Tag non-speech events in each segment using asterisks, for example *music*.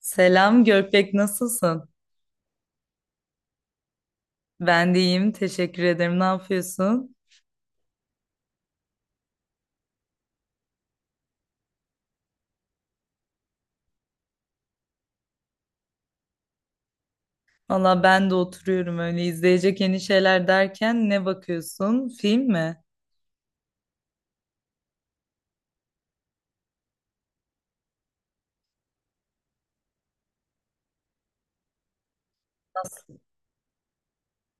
Selam Görpek nasılsın? Ben de iyiyim, teşekkür ederim. Ne yapıyorsun? Valla ben de oturuyorum öyle. İzleyecek yeni şeyler derken ne bakıyorsun? Film mi? Nasıl?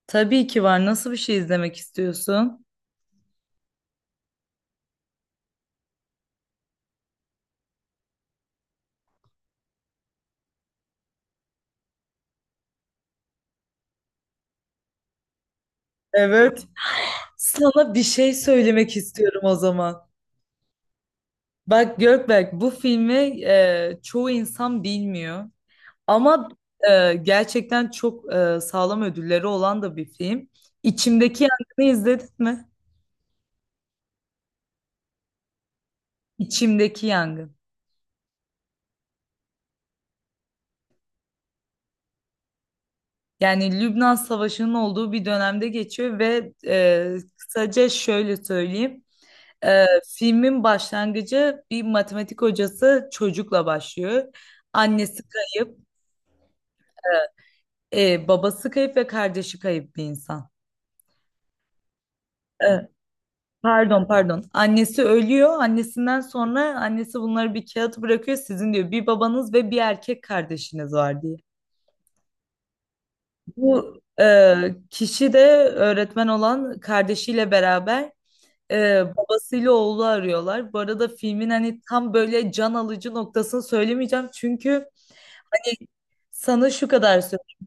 Tabii ki var. Nasıl bir şey izlemek istiyorsun? Evet. Sana bir şey söylemek istiyorum o zaman. Bak Gökberk, bu filmi çoğu insan bilmiyor ama gerçekten çok sağlam ödülleri olan da bir film. İçimdeki Yangın'ı izledin mi? İçimdeki Yangın. Yani Lübnan Savaşı'nın olduğu bir dönemde geçiyor ve kısaca şöyle söyleyeyim. E, Filmin başlangıcı bir matematik hocası çocukla başlıyor. Annesi kayıp, babası kayıp ve kardeşi kayıp bir insan. E, Pardon, pardon. Annesi ölüyor. Annesinden sonra annesi bunları bir kağıt bırakıyor. Sizin diyor bir babanız ve bir erkek kardeşiniz var diye. Bu kişi de öğretmen olan kardeşiyle beraber babasıyla oğlu arıyorlar. Bu arada filmin hani tam böyle can alıcı noktasını söylemeyeceğim. Çünkü e, sana şu kadar söyleyeyim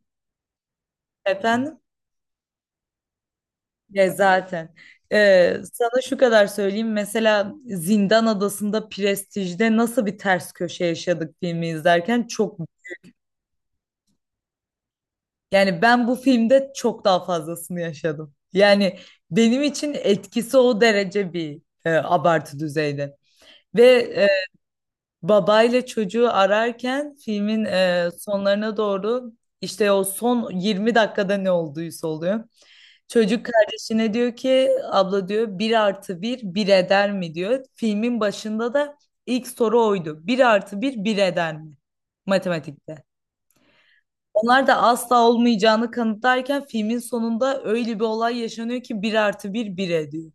efendim. Zaten. Sana şu kadar söyleyeyim. Mesela Zindan Adası'nda, Prestij'de nasıl bir ters köşe yaşadık, filmi izlerken çok, yani ben bu filmde çok daha fazlasını yaşadım. Yani benim için etkisi o derece bir abartı düzeyde. Ve babayla çocuğu ararken filmin sonlarına doğru işte o son 20 dakikada ne olduysa oluyor. Çocuk kardeşine diyor ki abla diyor bir artı bir bir eder mi diyor. Filmin başında da ilk soru oydu. Bir artı bir bir eder mi? Matematikte. Onlar da asla olmayacağını kanıtlarken filmin sonunda öyle bir olay yaşanıyor ki bir artı bir bir ediyor.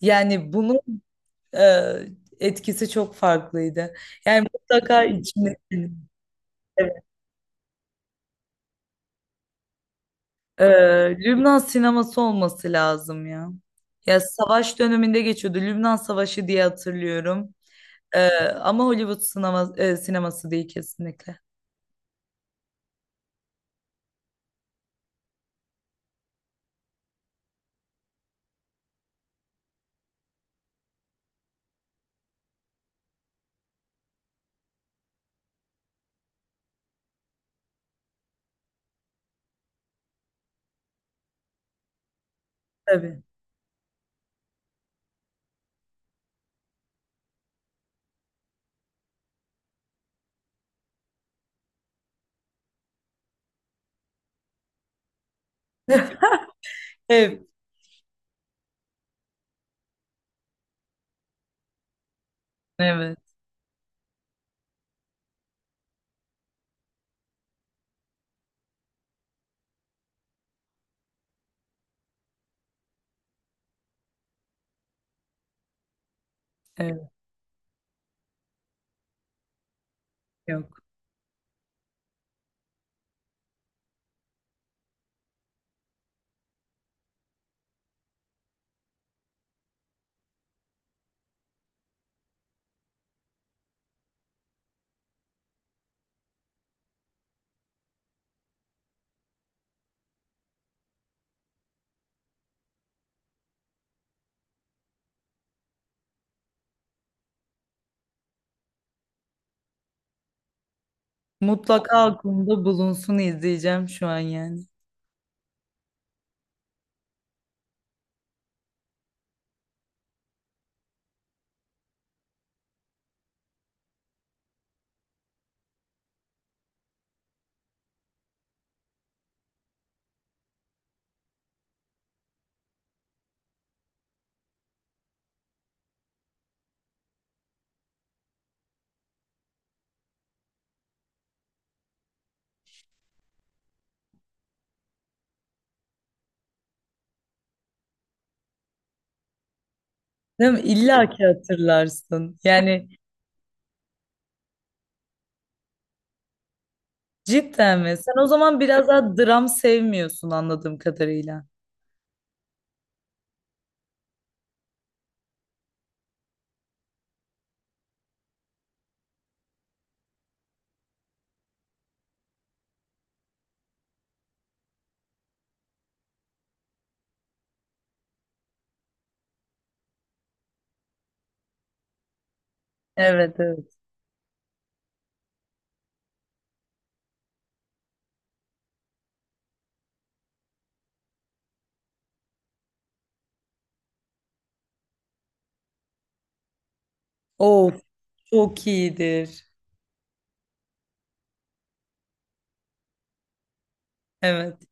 Yani bunun e, etkisi çok farklıydı. Yani mutlaka içinde. Evet. Ee, Lübnan sineması olması lazım ya. Ya savaş döneminde geçiyordu. Lübnan Savaşı diye hatırlıyorum. Ama Hollywood sinema, sineması değil kesinlikle. Tabii. *laughs* Evet, evet, evet, yok. Mutlaka aklımda bulunsun, izleyeceğim şu an yani. Değil mi? İlla ki hatırlarsın. Yani cidden mi? Sen o zaman biraz daha dram sevmiyorsun anladığım kadarıyla. Evet, evet. Of, çok iyidir. Evet.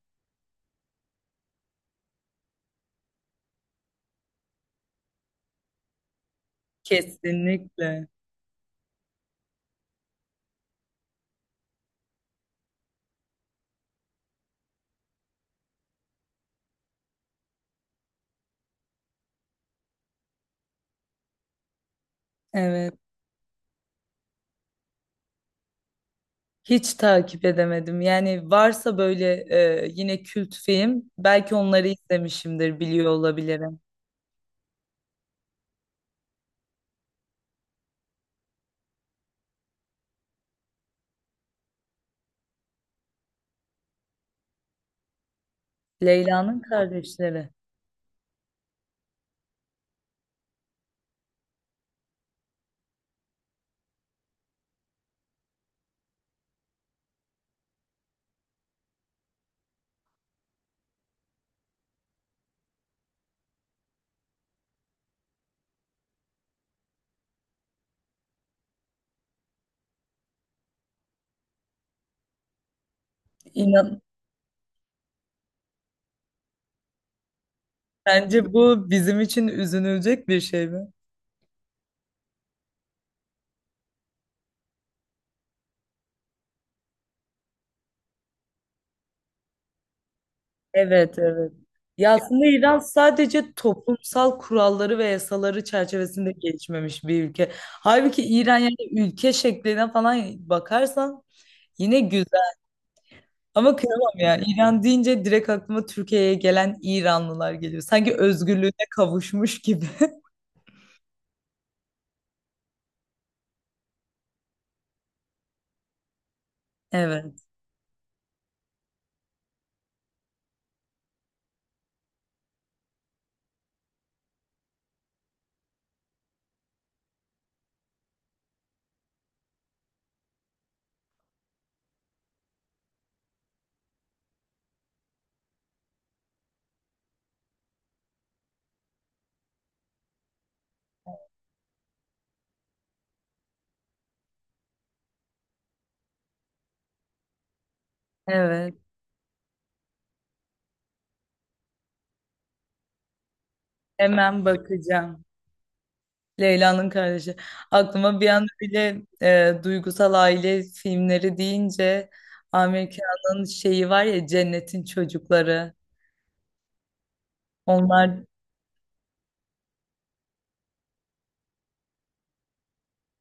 Kesinlikle. Evet. Hiç takip edemedim. Yani varsa böyle yine kült film, belki onları izlemişimdir, biliyor olabilirim. Leyla'nın kardeşleri. İnan bence bu bizim için üzünülecek bir şey mi? Evet, evet. Ya aslında İran sadece toplumsal kuralları ve yasaları çerçevesinde gelişmemiş bir ülke. Halbuki İran, yani ülke şekline falan bakarsan yine güzel. Ama kıyamam ya. İran deyince direkt aklıma Türkiye'ye gelen İranlılar geliyor. Sanki özgürlüğüne kavuşmuş gibi. *laughs* Evet, evet. Hemen bakacağım. Leyla'nın kardeşi. Aklıma bir anda bile duygusal aile filmleri deyince Amerika'nın şeyi var ya, Cennetin Çocukları. Onlar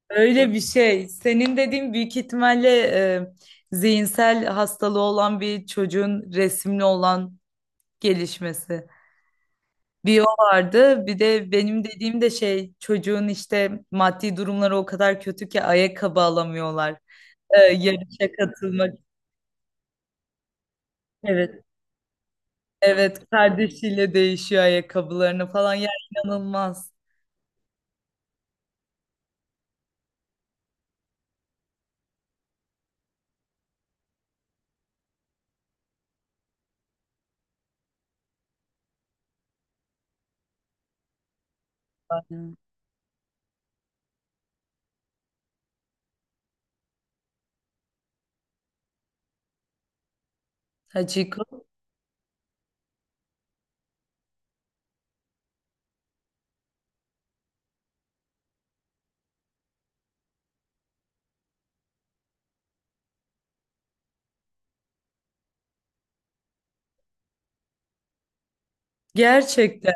öyle bir şey. Senin dediğin büyük ihtimalle zihinsel hastalığı olan bir çocuğun resimli olan gelişmesi. Bir o vardı. Bir de benim dediğim de şey, çocuğun işte maddi durumları o kadar kötü ki ayakkabı alamıyorlar. Yarışa katılmak. Evet. Evet, kardeşiyle değişiyor ayakkabılarını falan. Ya inanılmaz. Aynen. Hachiko. Gerçekten.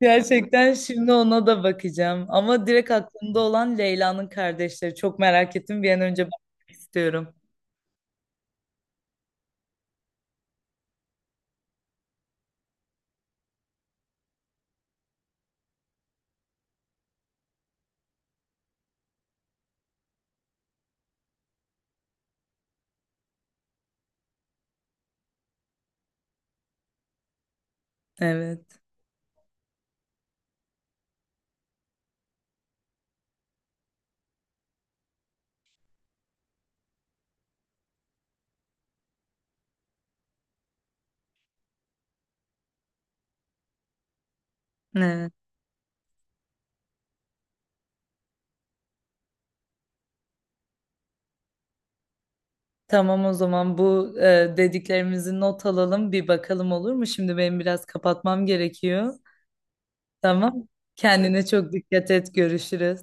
Gerçekten şimdi ona da bakacağım. Ama direkt aklımda olan Leyla'nın kardeşleri. Çok merak ettim. Bir an önce bakmak istiyorum. Evet. Evet. Tamam, o zaman bu dediklerimizi not alalım, bir bakalım olur mu? Şimdi benim biraz kapatmam gerekiyor. Tamam. Kendine çok dikkat et. Görüşürüz.